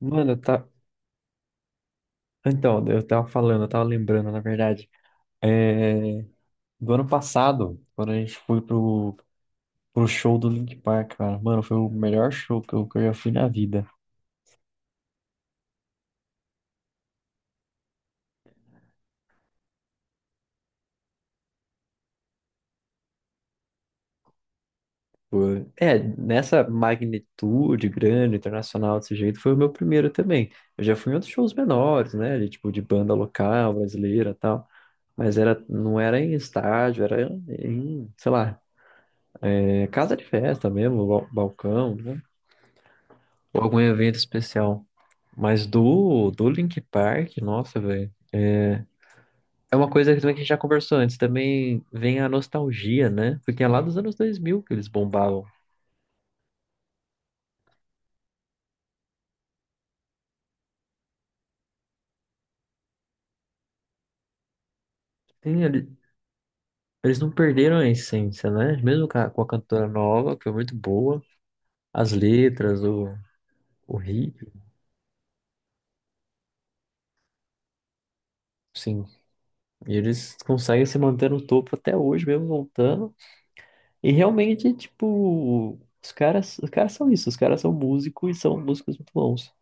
Mano, tá. Então, eu tava falando, eu tava lembrando, na verdade. É... Do ano passado, quando a gente foi pro, show do Linkin Park, cara. Mano, foi o melhor show que eu já fui na vida. É, nessa magnitude grande, internacional, desse jeito, foi o meu primeiro também. Eu já fui em outros shows menores, né? Tipo, de banda local, brasileira e tal. Mas era, não era em estádio, era em, sei lá, casa de festa mesmo, balcão, né? Ou algum evento especial. Mas do, Linkin Park, nossa, velho. É uma coisa que também que a gente já conversou antes, também vem a nostalgia, né? Porque é lá dos anos 2000 que eles bombavam. Tem ali- Eles não perderam a essência, né? Mesmo com a, cantora nova, que foi muito boa, as letras, o ritmo, sim. E eles conseguem se manter no topo até hoje, mesmo voltando. E realmente, tipo, os caras são isso, os caras são músicos e são músicos muito bons.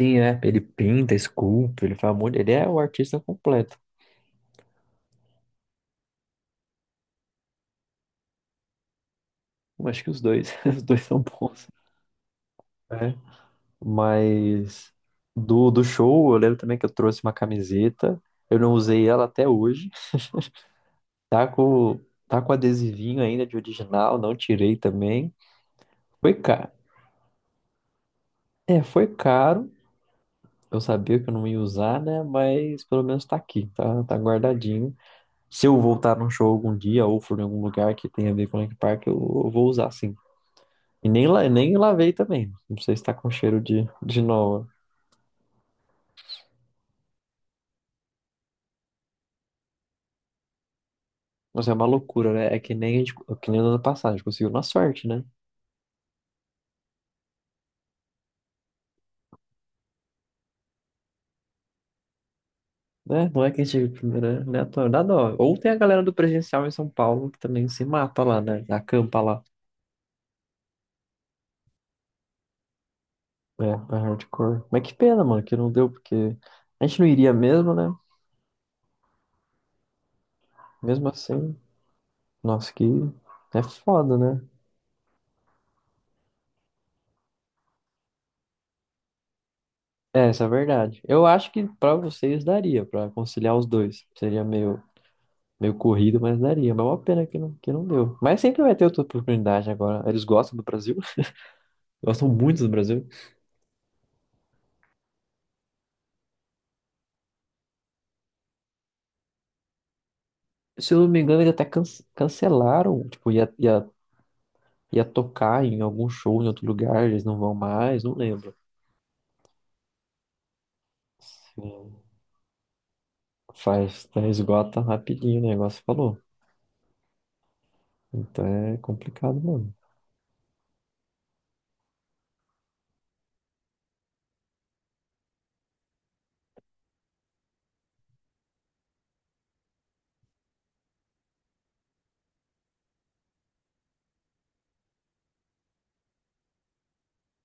Sim, é. Ele pinta, esculpe, ele faz um monte. Ele é o artista completo. Eu acho que os dois, os dois são bons. Né? Mas do, show, eu lembro também que eu trouxe uma camiseta. Eu não usei ela até hoje. Tá com, tá com adesivinho ainda de original, não tirei também. Foi caro. É, foi caro. Eu sabia que eu não ia usar, né? Mas pelo menos tá aqui, tá guardadinho. Se eu voltar num show algum dia ou for em algum lugar que tenha a ver com o Link Park, eu vou usar sim. E nem lavei também. Não sei se tá com cheiro de nova. Mas é uma loucura, né? É que nem a gente, que nem no ano passado, a gente conseguiu na sorte, né? Né? Não é que a gente, né? Né, dá dó. Ou tem a galera do presencial em São Paulo que também se mata lá, né? Acampa lá. É hardcore. Mas que pena, mano, que não deu, porque a gente não iria mesmo, né? Mesmo assim, nossa, que é foda, né? É, essa é a verdade. Eu acho que pra vocês daria, pra conciliar os dois. Seria meio corrido, mas daria. Mas é uma pena que não deu. Mas sempre vai ter outra oportunidade agora. Eles gostam do Brasil, gostam muito do Brasil. Se eu não me engano, eles até cancelaram, tipo, ia tocar em algum show em outro lugar, eles não vão mais, não lembro. Sim. Faz, né, esgota rapidinho o negócio, falou. Então é complicado, mano.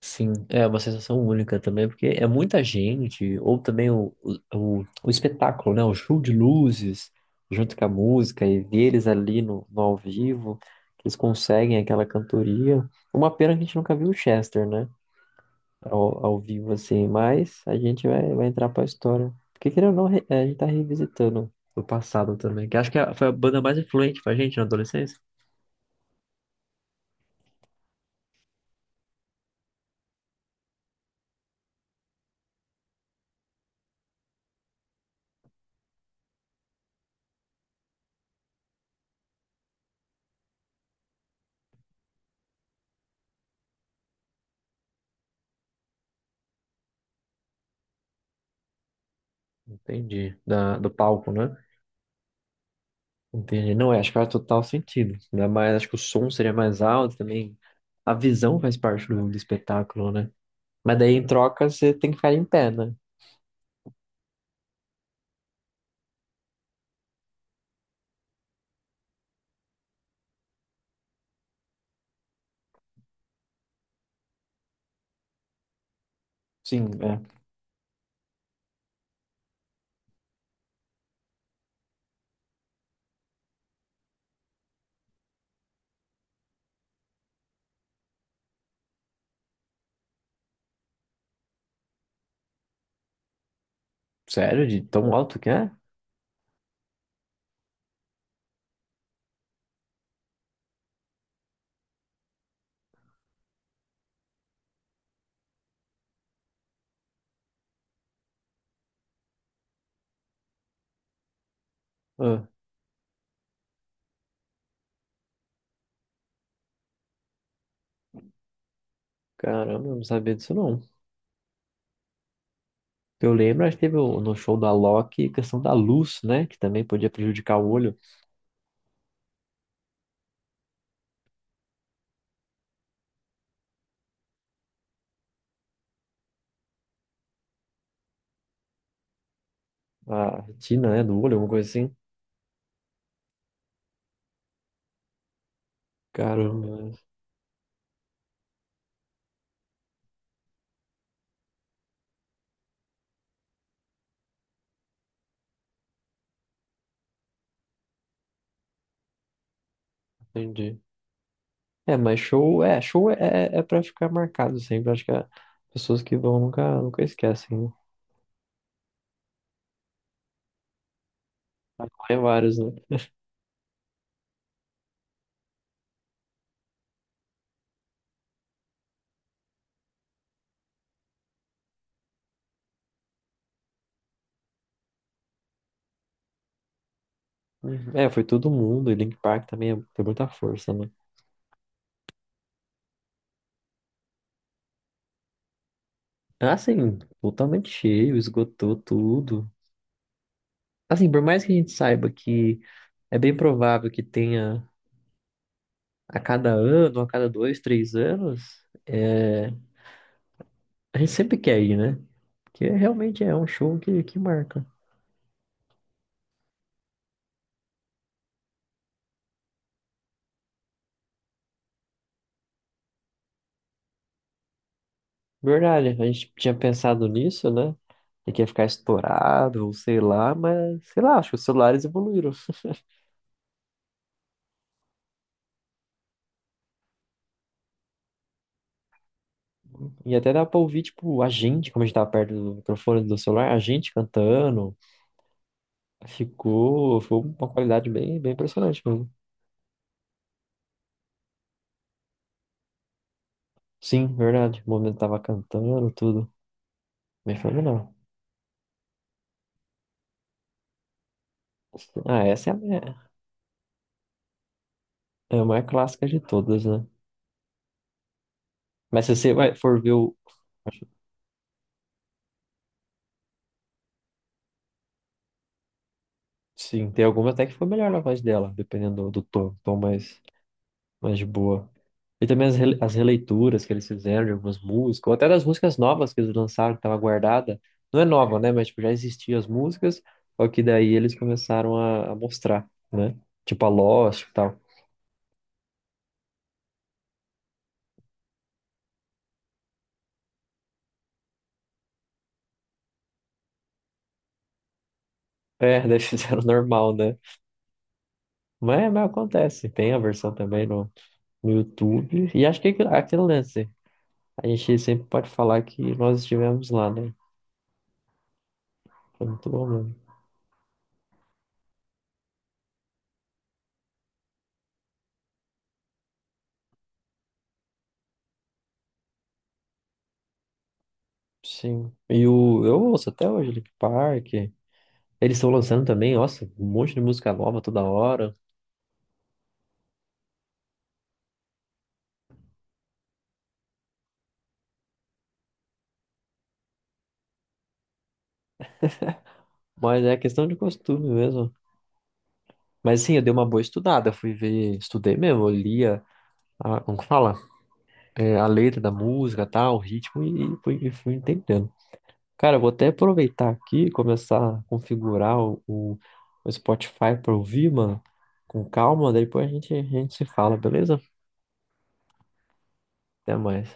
Sim, é uma sensação única também, porque é muita gente, ou também o, espetáculo, né? O show de luzes, junto com a música, e ver eles ali no ao vivo, que eles conseguem aquela cantoria. Uma pena que a gente nunca viu o Chester, né? Ao vivo, assim, mas a gente vai entrar pra história. Porque, querendo ou não, a gente tá revisitando o passado também, que acho que foi a banda mais influente pra gente na adolescência. Entendi. Do palco, né? Entendi. Não, é, acho que faz total sentido. Ainda mais, acho que o som seria mais alto também. A visão faz parte do, espetáculo, né? Mas daí em troca você tem que ficar em pé, né? Sim, é. Sério? De tão alto que é? Ah, caramba, eu não sabia disso não. Eu lembro, acho que teve no show da Loki questão da luz, né? Que também podia prejudicar o olho, a retina, né? Do olho, alguma coisa assim. Caramba, entendi. É, mas show é pra ficar marcado sempre. Acho que é pessoas que vão nunca, nunca esquecem. Né? É vários, né? Uhum. É, foi todo mundo. E Link Park também tem muita força, né? Assim, totalmente cheio, esgotou tudo. Assim, por mais que a gente saiba que é bem provável que tenha a cada ano, a cada 2, 3 anos, a gente sempre quer ir, né? Porque realmente é um show que marca. Verdade, a gente tinha pensado nisso, né? E que ia ficar estourado, ou sei lá, mas sei lá, acho que os celulares evoluíram. E até dá pra ouvir, tipo, a gente, como a gente tava perto do microfone do celular, a gente cantando. Ficou, foi uma qualidade bem, bem impressionante mesmo. Sim, verdade. O momento tava cantando, tudo. Bem fenomenal. Ah, essa é a mais clássica de todas, né? Mas se você vai, for ver o. Sim, tem alguma até que foi melhor na voz dela, dependendo do, tom mais de boa. E também as releituras que eles fizeram de algumas músicas, ou até das músicas novas que eles lançaram, que estava guardada. Não é nova, né? Mas tipo, já existiam as músicas, só que daí eles começaram a, mostrar, né? Tipo a Lost e tal. É, daí fizeram normal, né? mas, acontece, tem a versão também no YouTube. E acho que é aquele lance. A gente sempre pode falar que nós estivemos lá, né? Foi muito bom mesmo. Sim. Eu ouço até hoje Linkin Park. Eles estão lançando também, nossa, um monte de música nova toda hora. Mas é questão de costume mesmo. Mas sim, eu dei uma boa estudada, fui ver, estudei mesmo, eu lia, como que fala? É, a letra da música, tal, o ritmo e fui entendendo. Cara, eu vou até aproveitar aqui e começar a configurar o, Spotify pra ouvir, mano, com calma, daí depois a gente, se fala, beleza? Até mais.